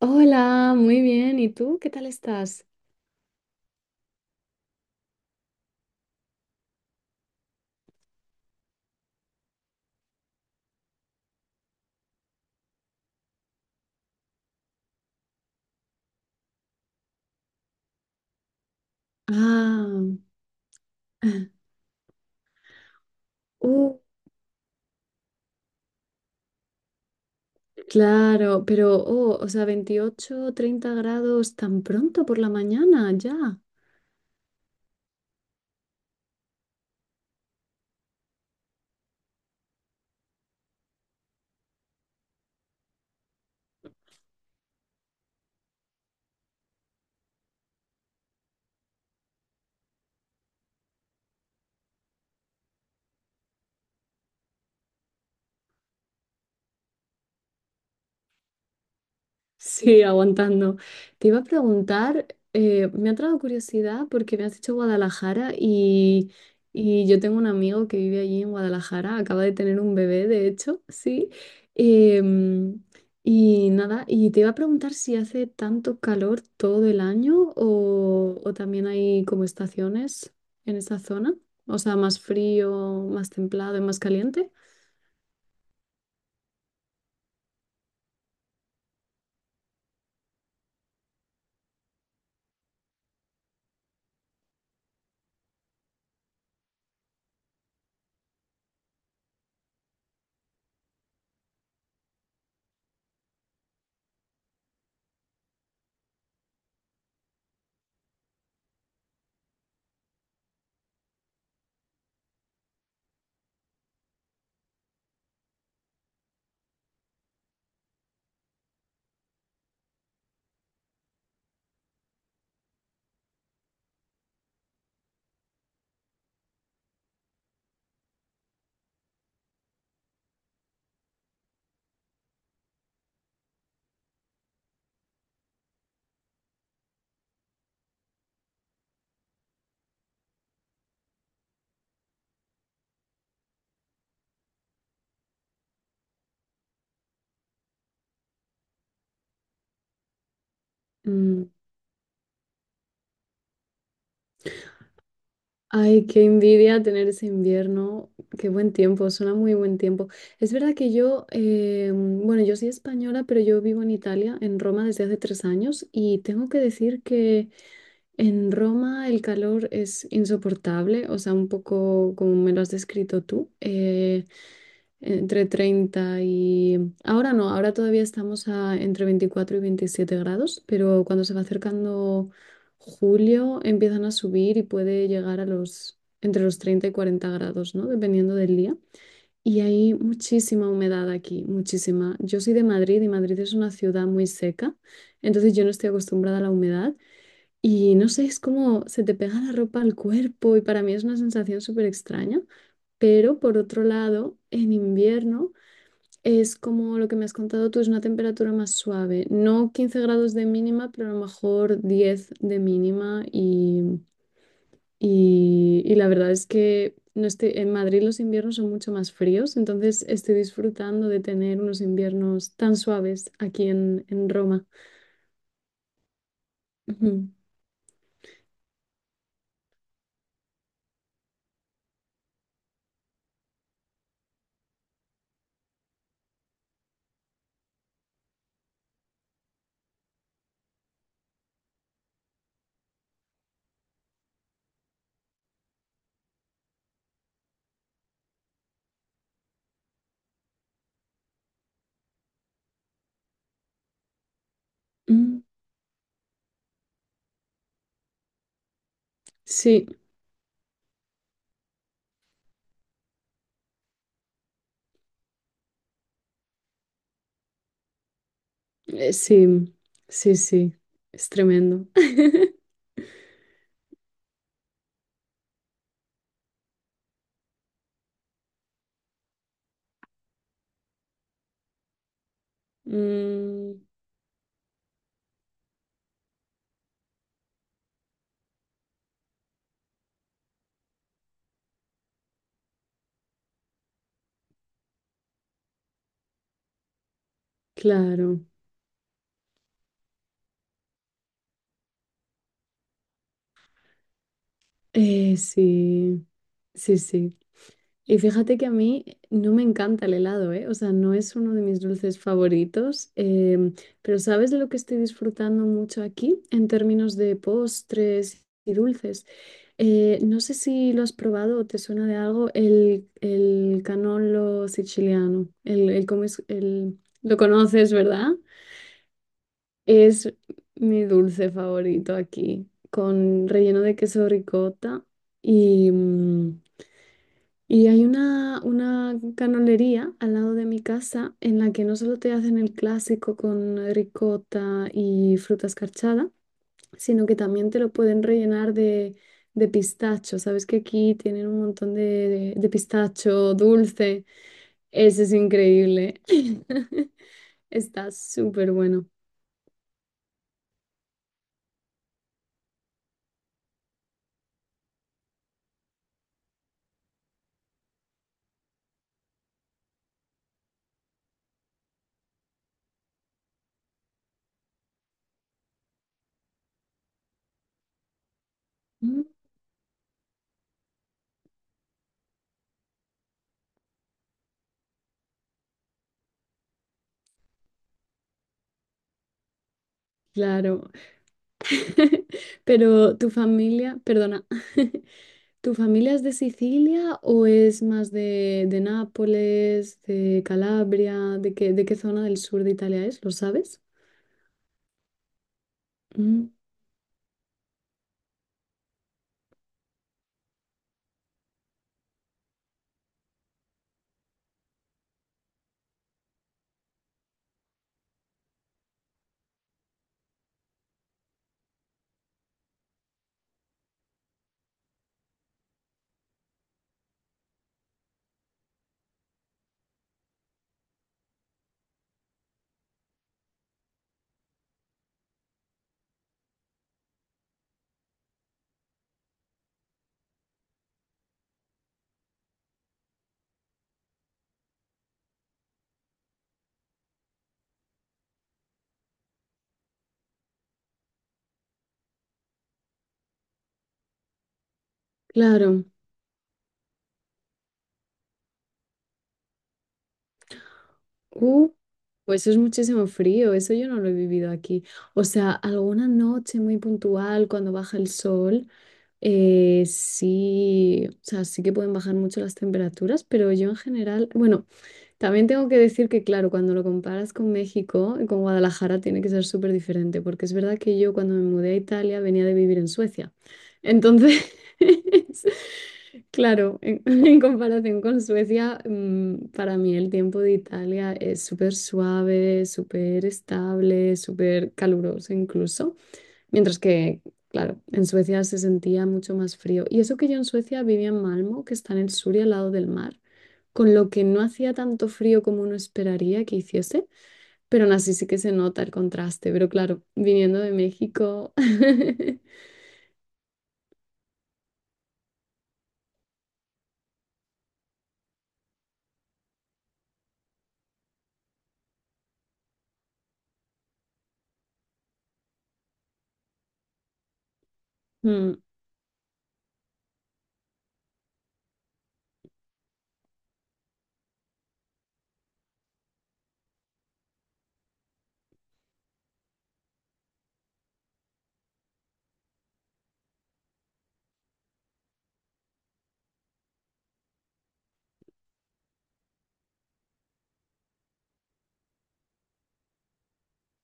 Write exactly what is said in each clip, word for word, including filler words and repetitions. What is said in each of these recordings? Hola, muy bien. ¿Y tú? ¿Qué tal estás? Ah, uh, claro, pero, oh, o sea, veintiocho, treinta grados tan pronto por la mañana, ya. Sí, aguantando. Te iba a preguntar, eh, me ha traído curiosidad porque me has dicho Guadalajara y, y yo tengo un amigo que vive allí en Guadalajara, acaba de tener un bebé, de hecho, sí. Em, y nada, y te iba a preguntar si hace tanto calor todo el año o, o también hay como estaciones en esa zona, o sea, más frío, más templado y más caliente. Ay, qué envidia tener ese invierno. Qué buen tiempo, suena muy buen tiempo. Es verdad que yo, eh, bueno, yo soy española, pero yo vivo en Italia, en Roma, desde hace tres años y tengo que decir que en Roma el calor es insoportable, o sea, un poco como me lo has descrito tú. Eh, entre treinta y... Ahora no, ahora todavía estamos a entre veinticuatro y veintisiete grados, pero cuando se va acercando julio empiezan a subir y puede llegar a los entre los treinta y cuarenta grados, ¿no? Dependiendo del día. Y hay muchísima humedad aquí, muchísima. Yo soy de Madrid y Madrid es una ciudad muy seca, entonces yo no estoy acostumbrada a la humedad y no sé, es como se te pega la ropa al cuerpo y para mí es una sensación súper extraña. Pero por otro lado, en invierno... Es como lo que me has contado tú, es una temperatura más suave. No quince grados de mínima, pero a lo mejor diez de mínima. Y, y- y la verdad es que no estoy, en Madrid los inviernos son mucho más fríos, entonces estoy disfrutando de tener unos inviernos tan suaves aquí en, en Roma. Ujú. Mm, Sí, eh, sí, sí, sí. Es tremendo. Mm, claro. Eh, sí, sí, sí. Y fíjate que a mí no me encanta el helado, ¿eh? O sea, no es uno de mis dulces favoritos, em, pero ¿sabes de lo que estoy disfrutando mucho aquí en términos de postres y dulces? Eh, no sé si lo has probado o te suena de algo el, el canolo siciliano, el, el, cómo es- el- lo conoces, ¿verdad? Es mi dulce favorito aquí, con relleno de queso ricota y... mm, y hay una, una canolería al lado de mi casa en la que no solo te hacen el clásico con ricota y fruta escarchada, sino que también te lo pueden rellenar de, de pistacho. Sabes que aquí tienen un montón de, de, de pistacho dulce. Ese es increíble. Está súper bueno. Mm, claro. Pero tu familia, perdona. ¿Tu familia es de Sicilia o es más de, de Nápoles, de Calabria? ¿De qué, de qué zona del sur de Italia es? ¿Lo sabes? Mm, claro. Uh, pues es muchísimo frío, eso yo no lo he vivido aquí. O sea, alguna noche muy puntual cuando baja el sol, eh, sí, o sea, sí que pueden bajar mucho las temperaturas, pero yo en general, bueno, también tengo que decir que, claro, cuando lo comparas con México, y con Guadalajara, tiene que ser súper diferente, porque es verdad que yo cuando me mudé a Italia venía de vivir en Suecia. Entonces, claro, en, en comparación con Suecia, mm, para mí el tiempo de Italia es súper suave, súper estable, súper caluroso incluso. Mientras que, claro, en Suecia se sentía mucho más frío. Y eso que yo en Suecia vivía en Malmo, que está en el sur y al lado del mar, con lo que no hacía tanto frío como uno esperaría que hiciese, pero aún así sí que se nota el contraste. Pero claro, viniendo de México. Mm,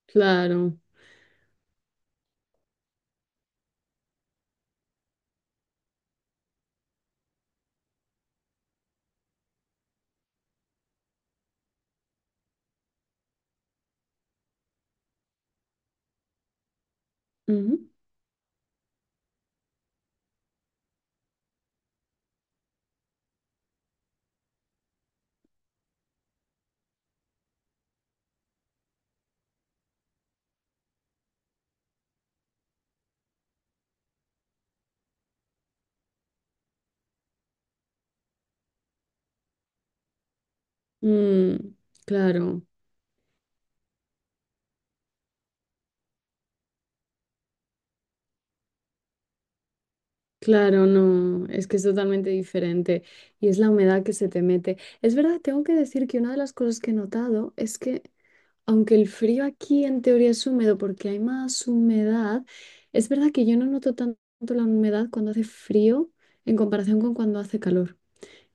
claro. Ujú. Mm, claro. Claro, no, es que es totalmente diferente y es la humedad que se te mete. Es verdad, tengo que decir que una de las cosas que he notado es que aunque el frío aquí en teoría es húmedo porque hay más humedad, es verdad que yo no noto tanto la humedad cuando hace frío en comparación con cuando hace calor.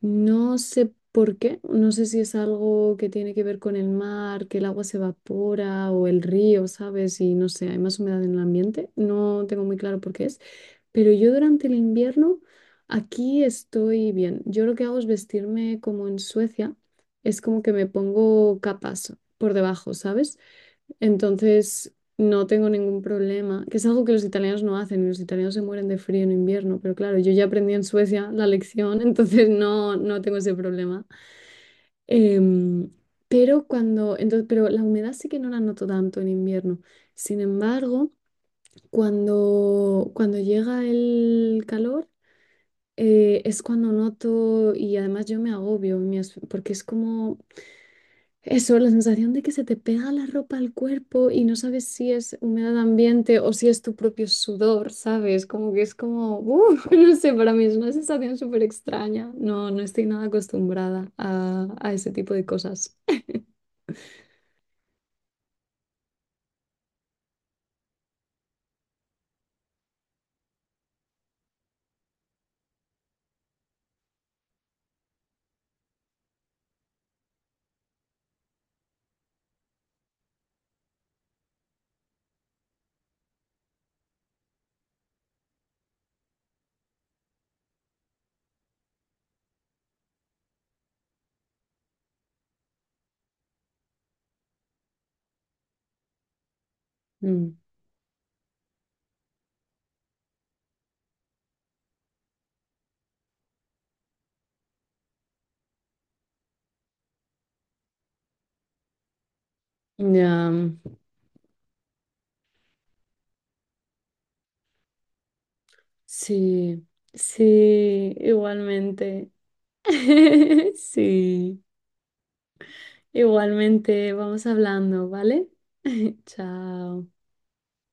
No sé por qué, no sé si es algo que tiene que ver con el mar, que el agua se evapora o el río, ¿sabes? Y no sé, hay más humedad en el ambiente. No tengo muy claro por qué es, pero yo durante el invierno aquí estoy bien. Yo lo que hago es vestirme como en Suecia, es como que me pongo capas por debajo, ¿sabes? Entonces, no tengo ningún problema, que es algo que los italianos no hacen, y los italianos se mueren de frío en invierno, pero claro, yo ya aprendí en Suecia la lección, entonces no, no tengo ese problema. Em, pero cuando, entonces, pero la humedad sí que no la noto tanto en invierno. Sin embargo, cuando, cuando llega el calor, eh, es cuando noto, y además yo me agobio, me as- porque es como eso, la sensación de que se te pega la ropa al cuerpo y no sabes si es humedad ambiente o si es tu propio sudor, ¿sabes? Como que es como, ¡uh! no sé, para mí es una sensación súper extraña. No, no estoy nada acostumbrada a, a ese tipo de cosas. Mm. Ya, Sí, sí, igualmente. Sí, igualmente, vamos hablando, ¿vale? Chao.